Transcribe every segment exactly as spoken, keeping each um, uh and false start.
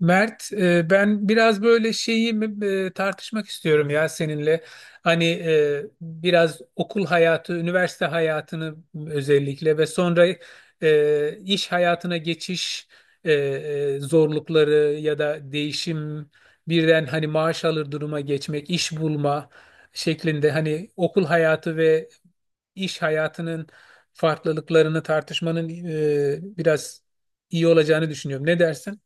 Mert, e, ben biraz böyle şeyi mi- e, tartışmak istiyorum ya seninle. Hani e, biraz okul hayatı, üniversite hayatını özellikle ve sonra e, iş hayatına geçiş e, e, zorlukları ya da değişim, birden hani maaş alır duruma geçmek, iş bulma şeklinde hani okul hayatı ve iş hayatının farklılıklarını tartışmanın e, biraz iyi olacağını düşünüyorum. Ne dersin?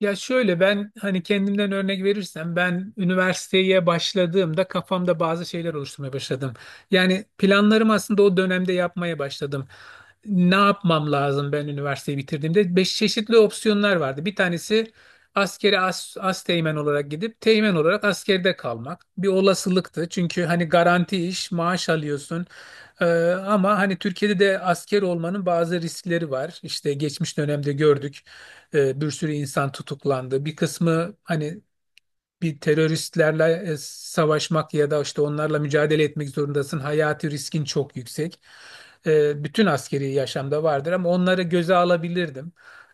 Ya şöyle, ben hani kendimden örnek verirsem, ben üniversiteye başladığımda kafamda bazı şeyler oluşturmaya başladım. Yani planlarımı aslında o dönemde yapmaya başladım. Ne yapmam lazım ben üniversiteyi bitirdiğimde? Beş çeşitli opsiyonlar vardı. Bir tanesi askeri as, asteğmen olarak gidip teğmen olarak askerde kalmak. Bir olasılıktı. Çünkü hani garanti iş, maaş alıyorsun. Ee, ama hani Türkiye'de de asker olmanın bazı riskleri var. İşte geçmiş dönemde gördük. E, bir sürü insan tutuklandı. Bir kısmı hani bir teröristlerle e, savaşmak ya da işte onlarla mücadele etmek zorundasın. Hayati riskin çok yüksek. E, bütün askeri yaşamda vardır ama onları göze alabilirdim.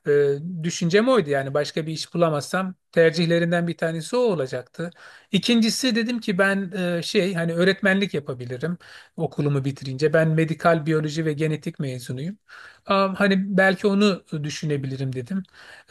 E, düşüncem oydu, yani başka bir iş bulamazsam tercihlerinden bir tanesi o olacaktı. İkincisi, dedim ki ben e, şey, hani öğretmenlik yapabilirim okulumu bitirince. Ben medikal biyoloji ve genetik mezunuyum. Am, Hani belki onu düşünebilirim dedim.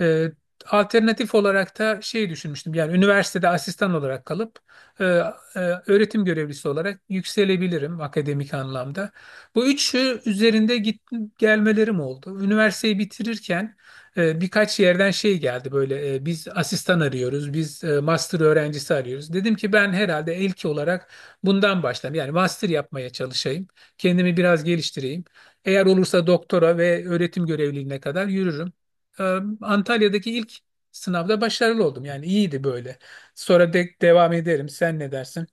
Ee, Alternatif olarak da şey düşünmüştüm. Yani üniversitede asistan olarak kalıp e, e, öğretim görevlisi olarak yükselebilirim akademik anlamda. Bu üçü üzerinde git, gelmelerim oldu. Üniversiteyi bitirirken e, birkaç yerden şey geldi böyle, e, biz asistan arıyoruz, biz e, master öğrencisi arıyoruz. Dedim ki ben herhalde ilk olarak bundan başlayayım. Yani master yapmaya çalışayım, kendimi biraz geliştireyim. Eğer olursa doktora ve öğretim görevliliğine kadar yürürüm. Ee, Antalya'daki ilk sınavda başarılı oldum. Yani iyiydi böyle. Sonra de devam ederim. Sen ne dersin?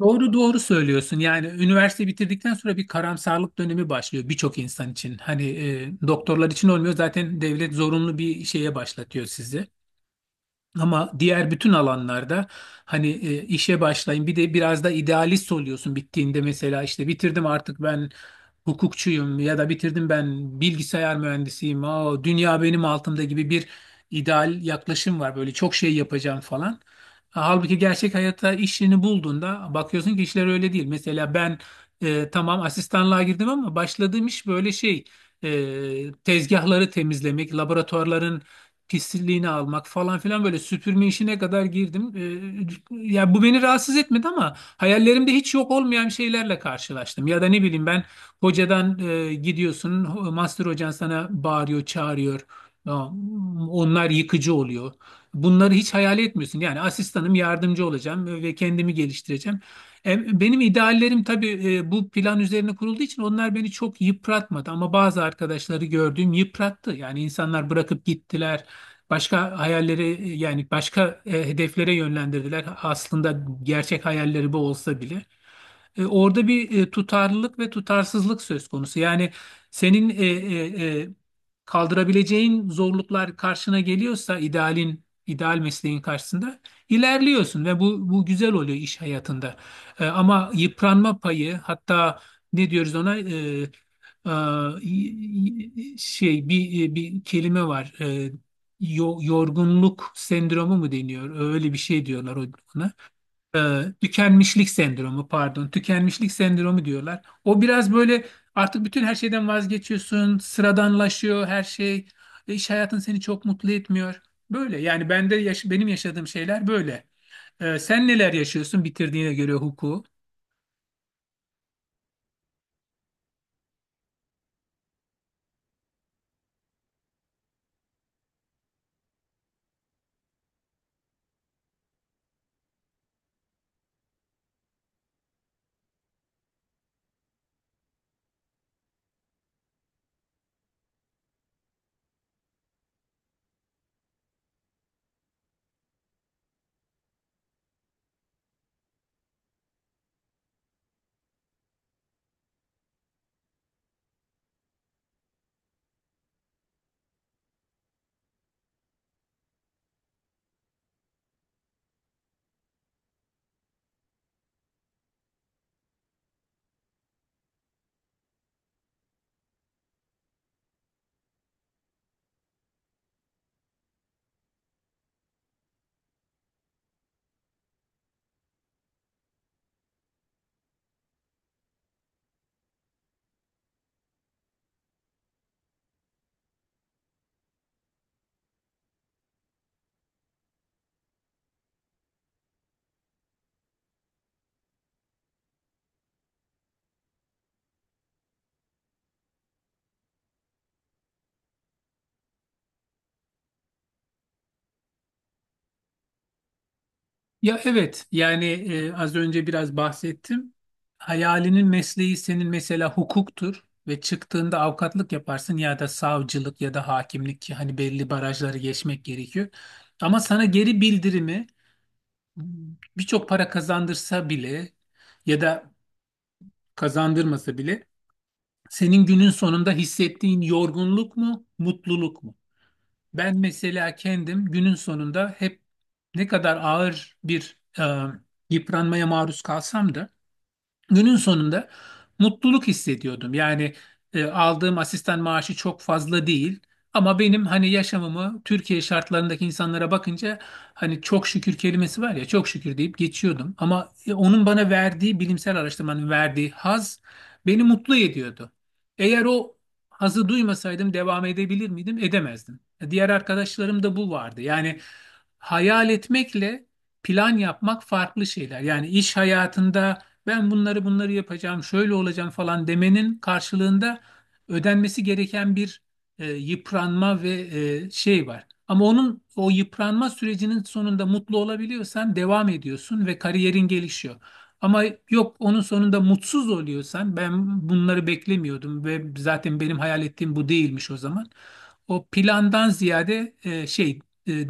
Doğru doğru söylüyorsun. Yani üniversite bitirdikten sonra bir karamsarlık dönemi başlıyor birçok insan için. Hani e, doktorlar için olmuyor, zaten devlet zorunlu bir şeye başlatıyor sizi. Ama diğer bütün alanlarda hani e, işe başlayın, bir de biraz da idealist oluyorsun bittiğinde, mesela işte bitirdim artık ben hukukçuyum ya da bitirdim ben bilgisayar mühendisiyim. Aa, dünya benim altımda gibi bir ideal yaklaşım var, böyle çok şey yapacağım falan. E, Halbuki gerçek hayatta işini bulduğunda bakıyorsun ki işler öyle değil. Mesela ben e, tamam asistanlığa girdim ama başladığım iş böyle şey, e, tezgahları temizlemek, laboratuvarların pisliğini almak falan filan, böyle süpürme işine kadar girdim. Ee, ya bu beni rahatsız etmedi ama hayallerimde hiç yok olmayan şeylerle karşılaştım. Ya da ne bileyim ben hocadan e, gidiyorsun, master hocan sana bağırıyor, çağırıyor. Ya, onlar yıkıcı oluyor. Bunları hiç hayal etmiyorsun. Yani asistanım, yardımcı olacağım ve kendimi geliştireceğim. E, Benim ideallerim tabii e, bu plan üzerine kurulduğu için onlar beni çok yıpratmadı ama bazı arkadaşları gördüğüm yıprattı. Yani insanlar bırakıp gittiler. Başka hayalleri e, yani başka e, hedeflere yönlendirdiler. Aslında gerçek hayalleri bu olsa bile. E, Orada bir e, tutarlılık ve tutarsızlık söz konusu. Yani senin e, e, e, kaldırabileceğin zorluklar karşına geliyorsa, idealin, ideal mesleğin karşısında ilerliyorsun ve bu bu güzel oluyor iş hayatında. E, Ama yıpranma payı, hatta ne diyoruz ona, e, e, y- y- şey, bir bir kelime var. E, yo- yorgunluk sendromu mu deniyor? Öyle bir şey diyorlar ona, e, tükenmişlik sendromu, pardon, tükenmişlik sendromu diyorlar. O biraz böyle, artık bütün her şeyden vazgeçiyorsun, sıradanlaşıyor her şey. E, iş hayatın seni çok mutlu etmiyor. Böyle, yani bende yaş- benim yaşadığım şeyler böyle. E, sen neler yaşıyorsun bitirdiğine göre hukuku? Ya evet, yani e, az önce biraz bahsettim. Hayalinin mesleği senin mesela hukuktur ve çıktığında avukatlık yaparsın ya da savcılık ya da hakimlik, ki hani belli barajları geçmek gerekiyor. Ama sana geri bildirimi, birçok para kazandırsa bile ya da kazandırmasa bile, senin günün sonunda hissettiğin yorgunluk mu, mutluluk mu? Ben mesela kendim günün sonunda hep, ne kadar ağır bir e, yıpranmaya maruz kalsam da, günün sonunda mutluluk hissediyordum. Yani e, aldığım asistan maaşı çok fazla değil ama benim hani yaşamımı Türkiye şartlarındaki insanlara bakınca, hani çok şükür kelimesi var ya, çok şükür deyip geçiyordum. Ama e, onun bana verdiği, bilimsel araştırmanın verdiği haz beni mutlu ediyordu. Eğer o hazı duymasaydım devam edebilir miydim? Edemezdim. E, Diğer arkadaşlarım da bu vardı. Yani hayal etmekle plan yapmak farklı şeyler. Yani iş hayatında ben bunları bunları yapacağım, şöyle olacağım falan demenin karşılığında ödenmesi gereken bir e, yıpranma ve e, şey var. Ama onun, o yıpranma sürecinin sonunda mutlu olabiliyorsan devam ediyorsun ve kariyerin gelişiyor. Ama yok, onun sonunda mutsuz oluyorsan, ben bunları beklemiyordum ve zaten benim hayal ettiğim bu değilmiş o zaman. O plandan ziyade e, şey, e,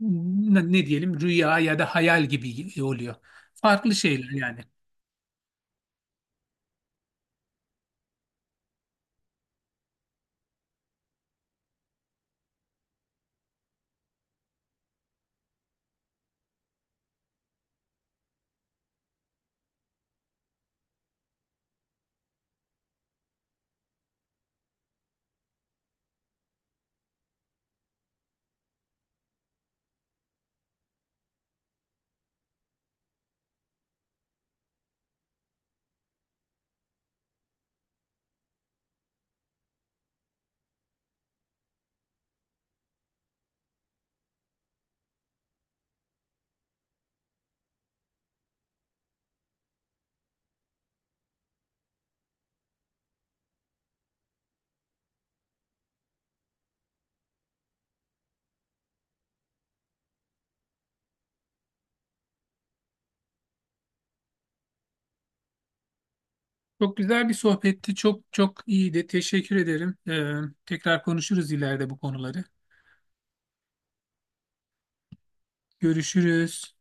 ne ne diyelim, rüya ya da hayal gibi oluyor. Farklı şeyler yani. Çok güzel bir sohbetti. Çok çok iyiydi. Teşekkür ederim. Ee, tekrar konuşuruz ileride bu konuları. Görüşürüz.